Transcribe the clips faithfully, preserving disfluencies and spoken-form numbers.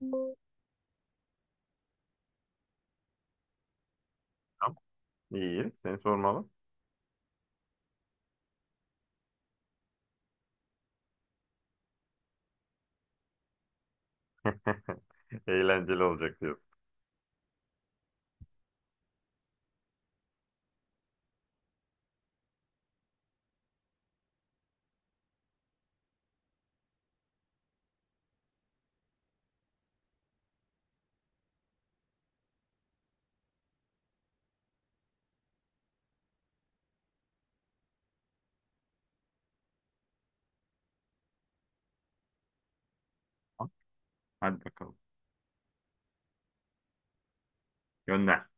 Tamam. İyi. Seni sormalı. Eğlenceli olacak diyorsun. Tamam, hadi bakalım. Gönder.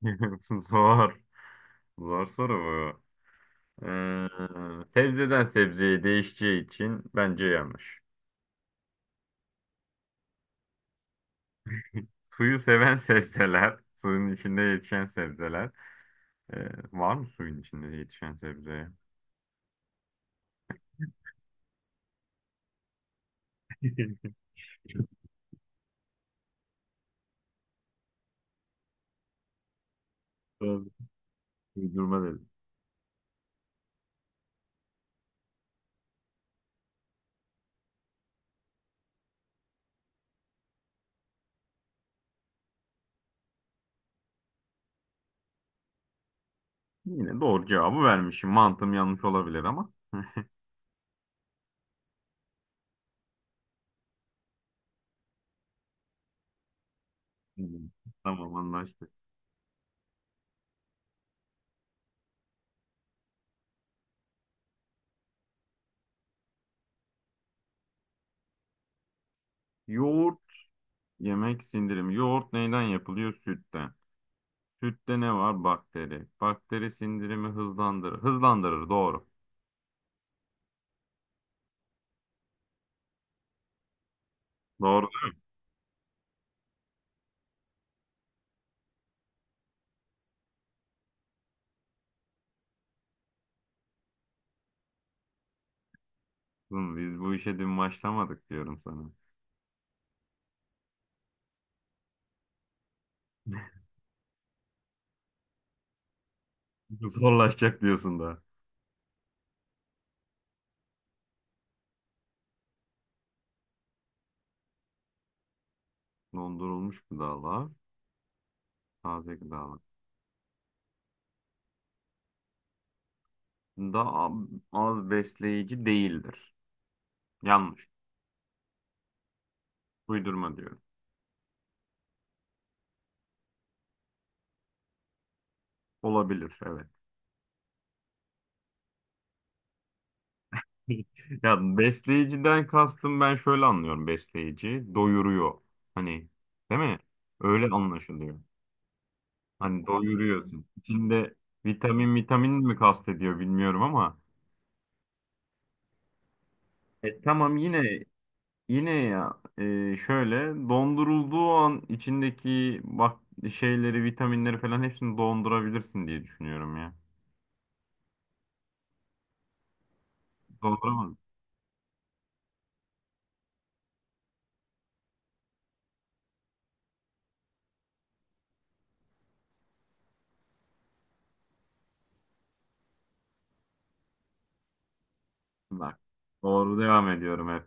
Zor. Zor soru bu. Ee, sebzeden sebzeye değişeceği için bence yanlış. Suyu seven sebzeler, suyun içinde yetişen sebzeler. Ee, Var mı suyun içinde yetişen sebzeye? Biraz. Uydurma dedim. Yine doğru cevabı vermişim. Mantığım yanlış olabilir ama. Hmm. Tamam, anlaştık. Yoğurt yemek sindirimi. Yoğurt neyden yapılıyor? Sütten. Sütte ne var? Bakteri. Bakteri sindirimi hızlandırır. Hızlandırır. Doğru. Doğru diyorsun. Biz bu işe dün başlamadık diyorum sana. Zorlaşacak diyorsun da. Dondurulmuş gıdalar. Taze gıdalar. Daha az besleyici değildir. Yanlış. Uydurma diyorum. Olabilir. Evet. Ya besleyiciden kastım, ben şöyle anlıyorum besleyici. Doyuruyor. Hani, değil mi? Öyle anlaşılıyor. Hani doyuruyorsun. İçinde vitamin, vitamin mi kastediyor bilmiyorum ama e, tamam yine yine ya e, şöyle dondurulduğu an içindeki bak şeyleri, vitaminleri falan hepsini dondurabilirsin diye düşünüyorum ya. Donduramaz. Bak. Doğru devam ediyorum hep.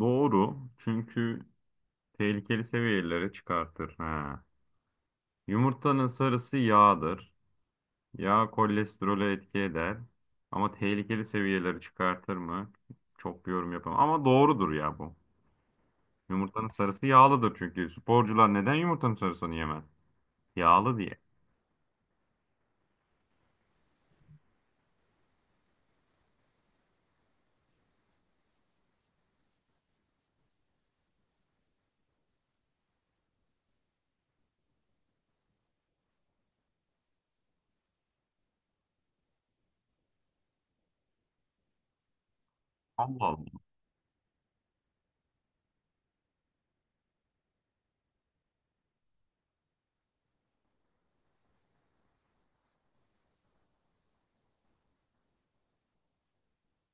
Doğru. Çünkü tehlikeli seviyelere çıkartır. Ha. Yumurtanın sarısı yağdır. Yağ kolesterolü etki eder. Ama tehlikeli seviyeleri çıkartır mı? Çok bir yorum yapamam. Ama doğrudur ya bu. Yumurtanın sarısı yağlıdır çünkü. Sporcular neden yumurtanın sarısını yemez? Yağlı diye. Allah Allah.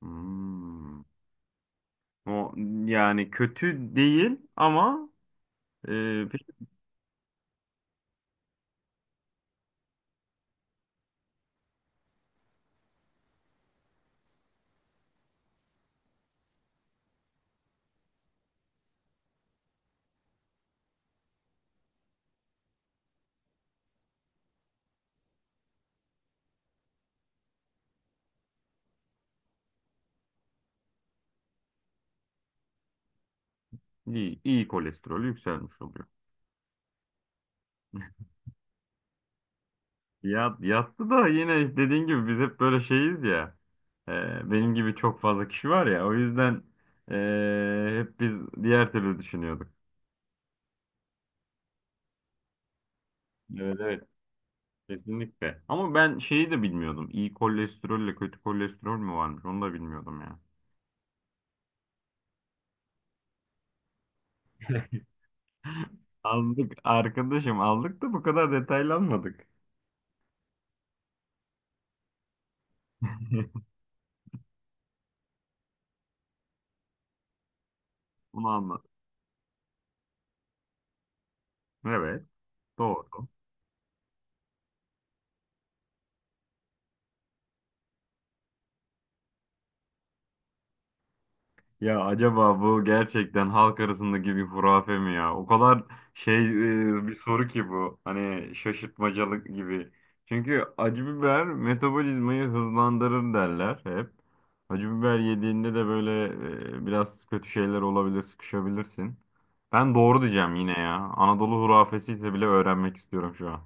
Hmm. O, yani kötü değil ama e, pek iyi, iyi kolesterolü yükselmiş oluyor. Ya, yattı da yine dediğin gibi biz hep böyle şeyiz ya. E, Benim gibi çok fazla kişi var ya. O yüzden e, hep biz diğer türlü düşünüyorduk. Evet, evet, kesinlikle. Ama ben şeyi de bilmiyordum. İyi kolesterolle kötü kolesterol mü varmış? Onu da bilmiyordum ya. Aldık arkadaşım, aldık da bu kadar detaylanmadık. Bunu anlat. Evet, doğru. Ya acaba bu gerçekten halk arasındaki bir hurafe mi ya? O kadar şey, e, bir soru ki bu. Hani şaşırtmacalık gibi. Çünkü acı biber metabolizmayı hızlandırır derler hep. Acı biber yediğinde de böyle e, biraz kötü şeyler olabilir, sıkışabilirsin. Ben doğru diyeceğim yine ya. Anadolu hurafesi ise bile öğrenmek istiyorum şu an.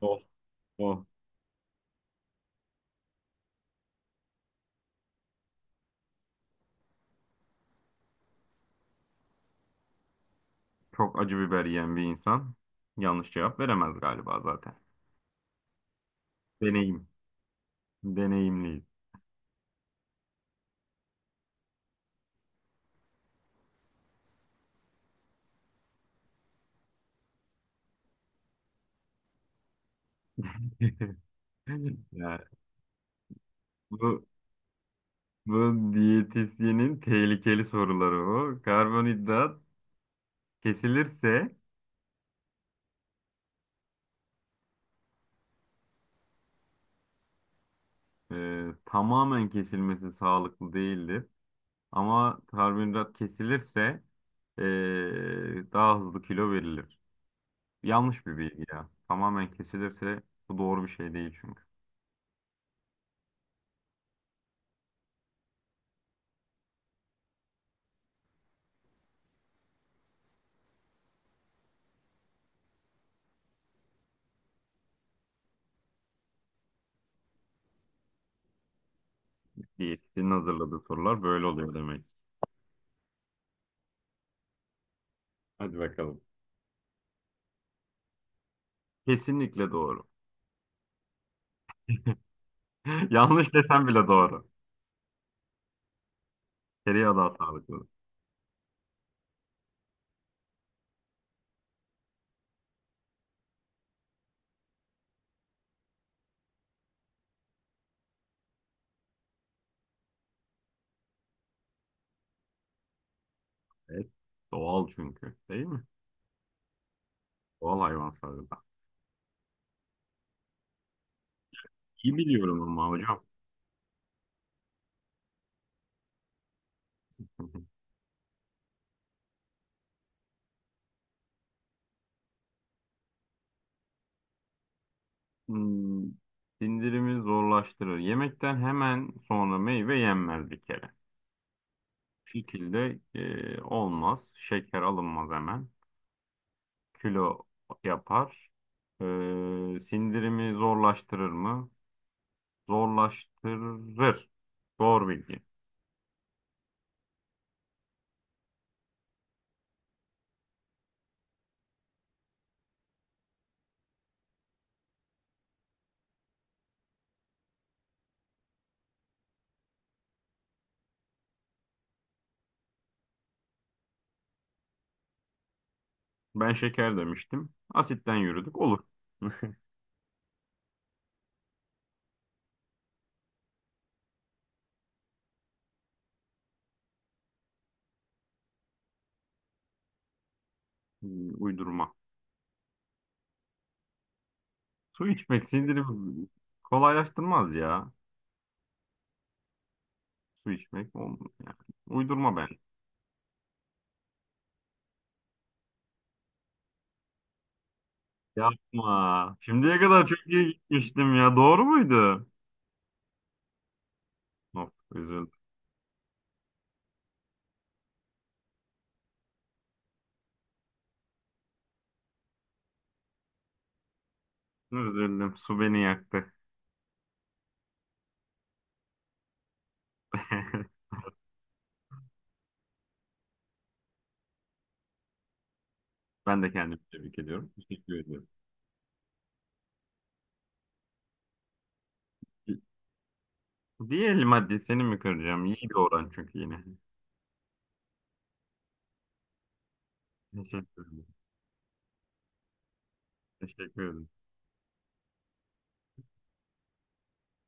Ol, ol. Çok acı biber yiyen bir insan yanlış cevap veremez galiba zaten. Deneyim, deneyimliyiz. Ya, bu bu diyetisyenin tehlikeli soruları o. Karbonhidrat kesilirse, e, tamamen kesilmesi sağlıklı değildir. Ama karbonhidrat kesilirse e, daha hızlı kilo verilir. Yanlış bir bilgi ya. Tamamen kesilirse bu doğru bir şey değil çünkü. Diyetisyenin hazırladığı sorular böyle oluyor demek. Hadi bakalım. Kesinlikle doğru. Yanlış desem bile doğru. Tereyağı daha sağlıklı. Evet. Doğal çünkü. Değil mi? Doğal hayvansallık. İyi biliyorum ama hocam. Hmm, sindirimi zorlaştırır. Yemekten hemen sonra meyve yenmez bir kere. Bu şekilde e, olmaz. Şeker alınmaz hemen. Kilo yapar. E, Sindirimi zorlaştırır mı? Zorlaştırır. Doğru bilgi. Ben şeker demiştim. Asitten yürüdük. Olur. Uydurma. Su içmek sindirimi kolaylaştırmaz ya. Su içmek olmuyor yani. Uydurma ben. Yapma. Şimdiye kadar çok iyi gitmiştim ya. Doğru muydu? Of, üzüldüm. Üzüldüm. Su beni yaktı. Ben de kendimi tebrik ediyorum. Teşekkür ediyorum. Diğer madde seni mi kıracağım? İyi bir oran çünkü yine. Teşekkür ederim. Teşekkür ederim.